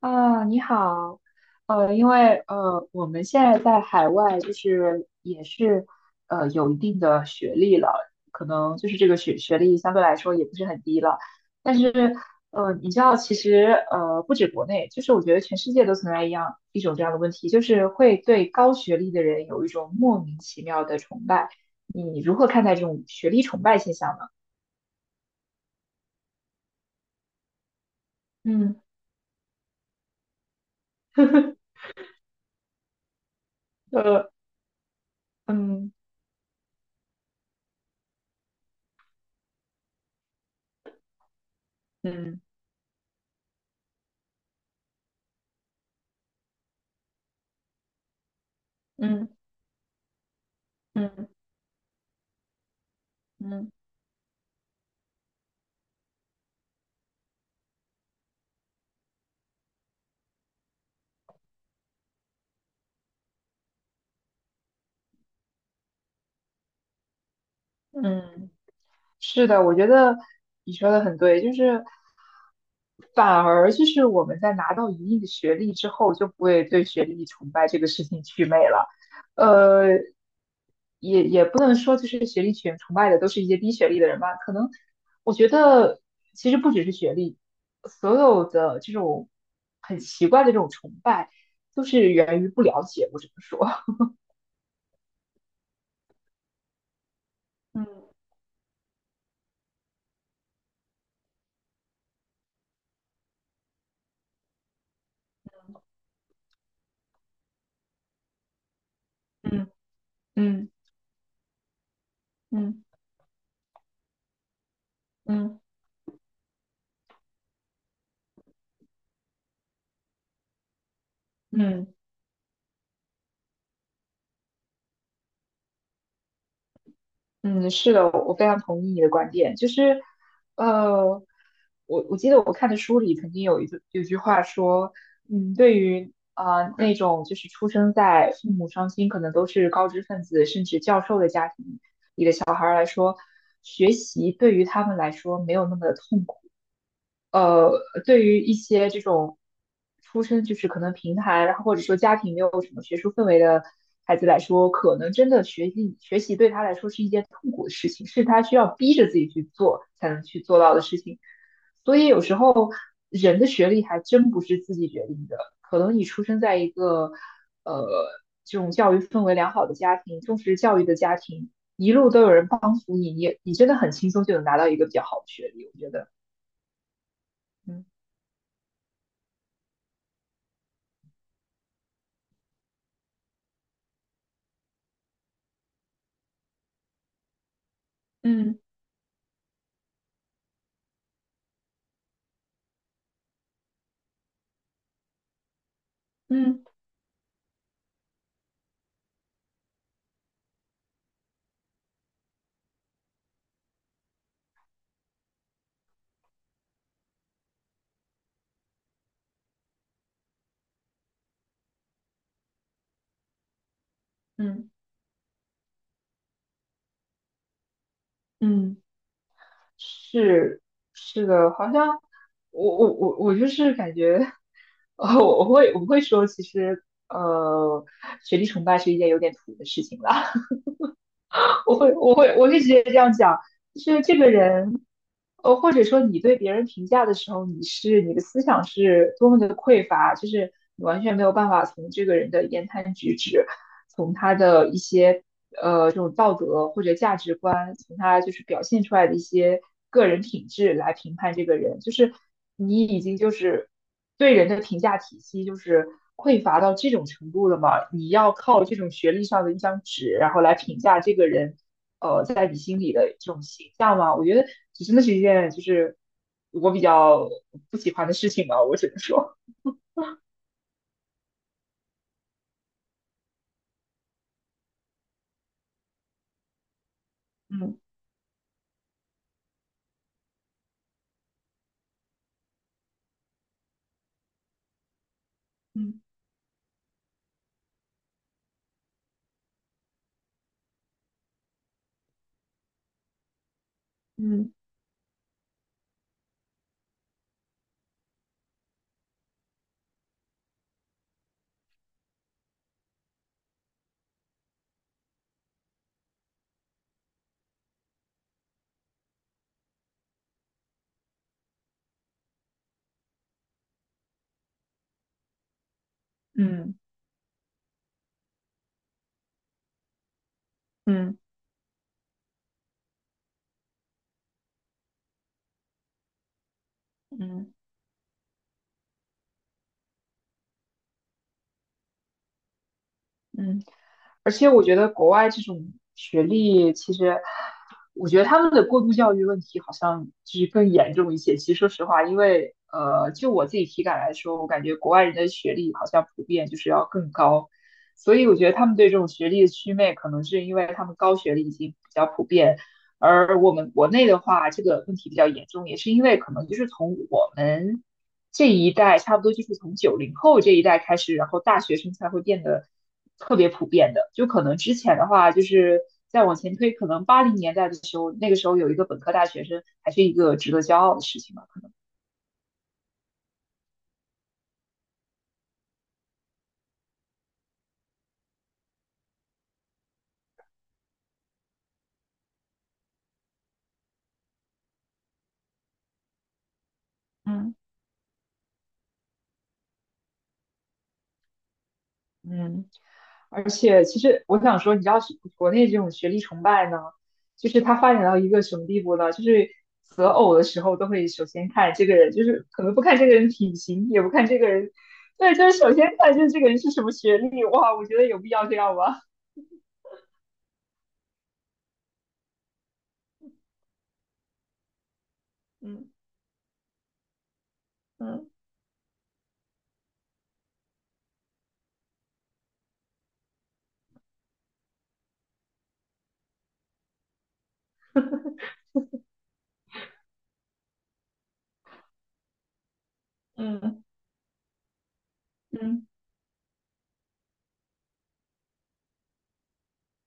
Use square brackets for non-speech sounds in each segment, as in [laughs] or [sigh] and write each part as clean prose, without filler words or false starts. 啊，你好，因为我们现在在海外，就是也是有一定的学历了，可能就是这个学历相对来说也不是很低了，但是你知道，其实不止国内，就是我觉得全世界都存在一样一种这样的问题，就是会对高学历的人有一种莫名其妙的崇拜。你如何看待这种学历崇拜现象呢？嗯。[laughs] 呃，嗯。嗯嗯。嗯。嗯。嗯嗯。是的，我觉得你说的很对，就是反而就是我们在拿到一定的学历之后，就不会对学历崇拜这个事情祛魅了。呃，不能说就是学历群崇拜的都是一些低学历的人吧，可能我觉得其实不只是学历，所有的这种很奇怪的这种崇拜，都是源于不了解，我只能说。嗯。嗯。嗯。嗯。嗯。嗯。嗯，是的，我非常同意你的观点。就是，呃，我记得我看的书里曾经有句话说，嗯，对于啊、那种就是出生在父母双亲可能都是高知分子甚至教授的家庭里的小孩儿来说，学习对于他们来说没有那么的痛苦。呃，对于一些这种出身就是可能平台，然后或者说家庭没有什么学术氛围的孩子来说，可能真的学习对他来说是一件痛苦的事情，是他需要逼着自己去做才能去做到的事情。所以有时候人的学历还真不是自己决定的，可能你出生在一个呃这种教育氛围良好的家庭，重视教育的家庭，一路都有人帮扶你，你也你真的很轻松就能拿到一个比较好的学历，我觉得，嗯。嗯。嗯。嗯。嗯。是是的，好像我就是感觉，我会说，其实学历崇拜是一件有点土的事情了。我会直接这样讲，就是这个人，或者说你对别人评价的时候，你是你的思想是多么的匮乏，就是你完全没有办法从这个人的言谈举止，从他的一些这种道德或者价值观，从他就是表现出来的一些个人品质来评判这个人，就是你已经就是。对人的评价体系就是匮乏到这种程度了吗？你要靠这种学历上的一张纸，然后来评价这个人，在你心里的这种形象吗？我觉得这真的是一件就是我比较不喜欢的事情吧，我只能说，嗯。嗯。嗯。嗯。嗯。嗯。嗯。而且我觉得国外这种学历，其实我觉得他们的过度教育问题好像就是更严重一些。其实说实话，因为就我自己体感来说，我感觉国外人的学历好像普遍就是要更高，所以我觉得他们对这种学历的祛魅，可能是因为他们高学历已经比较普遍。而我们国内的话，这个问题比较严重，也是因为可能就是从我们这一代差不多就是从九零后这一代开始，然后大学生才会变得特别普遍的。就可能之前的话，就是再往前推，可能八零年代的时候，那个时候有一个本科大学生，还是一个值得骄傲的事情吧，可能。嗯。嗯，而且其实我想说，你知道是国内这种学历崇拜呢，就是它发展到一个什么地步呢？就是择偶的时候都会首先看这个人，就是可能不看这个人体型，也不看这个人，对，就是首先看就是这个人是什么学历。哇，我觉得有必要这样吗？嗯。嗯。嗯。嗯。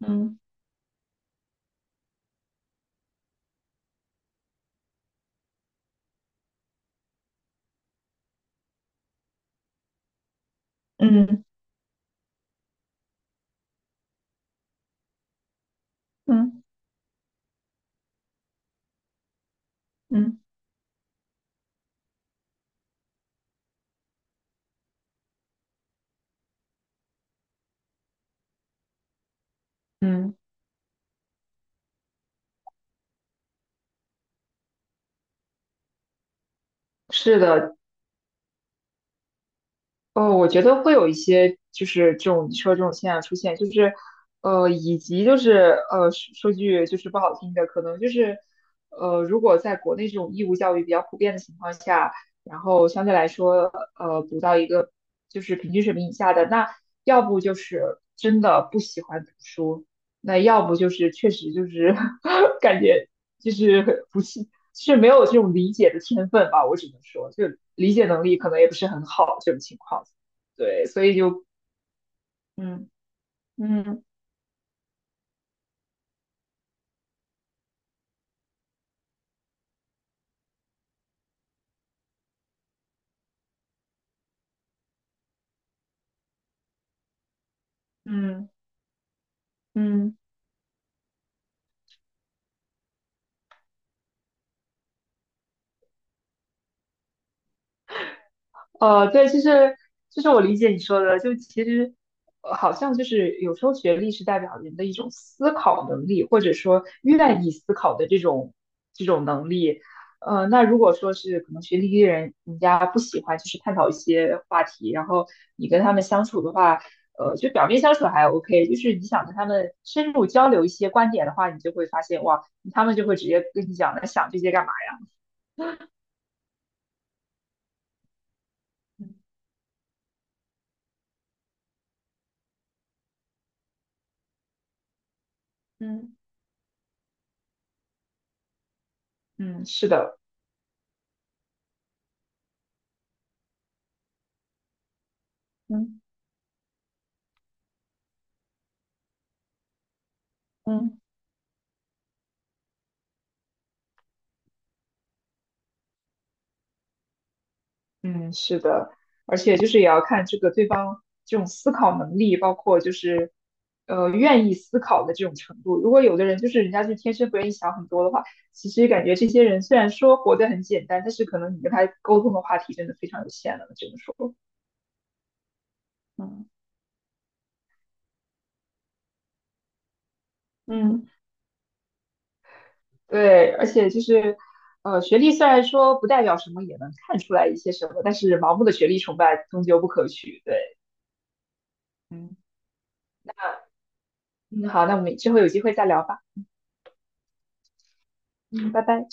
嗯。嗯。嗯。嗯。嗯。是的。哦，我觉得会有一些，就是这种你说这种现象出现，就是，以及就是说句就是不好听的，可能就是，如果在国内这种义务教育比较普遍的情况下，然后相对来说，读到一个就是平均水平以下的，那要不就是真的不喜欢读书，那要不就是确实就是 [laughs] 感觉就是不是是没有这种理解的天分吧，我只能说，就理解能力可能也不是很好这种情况。对，所以就嗯。嗯。嗯。嗯。对，就是我理解你说的，就其实好像就是有时候学历是代表人的一种思考能力，或者说愿意思考的这种能力。那如果说是可能学历低的人，人家不喜欢就是探讨一些话题，然后你跟他们相处的话，就表面相处还 OK，就是你想跟他们深入交流一些观点的话，你就会发现哇，他们就会直接跟你讲，那想这些干嘛呀？嗯。嗯。嗯。是的。嗯。嗯。嗯，是的，而且就是也要看这个对方这种思考能力，包括就是愿意思考的这种程度。如果有的人就是人家就天生不愿意想很多的话，其实感觉这些人虽然说活得很简单，但是可能你跟他沟通的话题真的非常有限了，只能说，嗯。嗯。对，而且就是学历虽然说不代表什么，也能看出来一些什么，但是盲目的学历崇拜终究不可取。对，嗯。嗯。好，那我们之后有机会再聊吧，嗯，拜拜。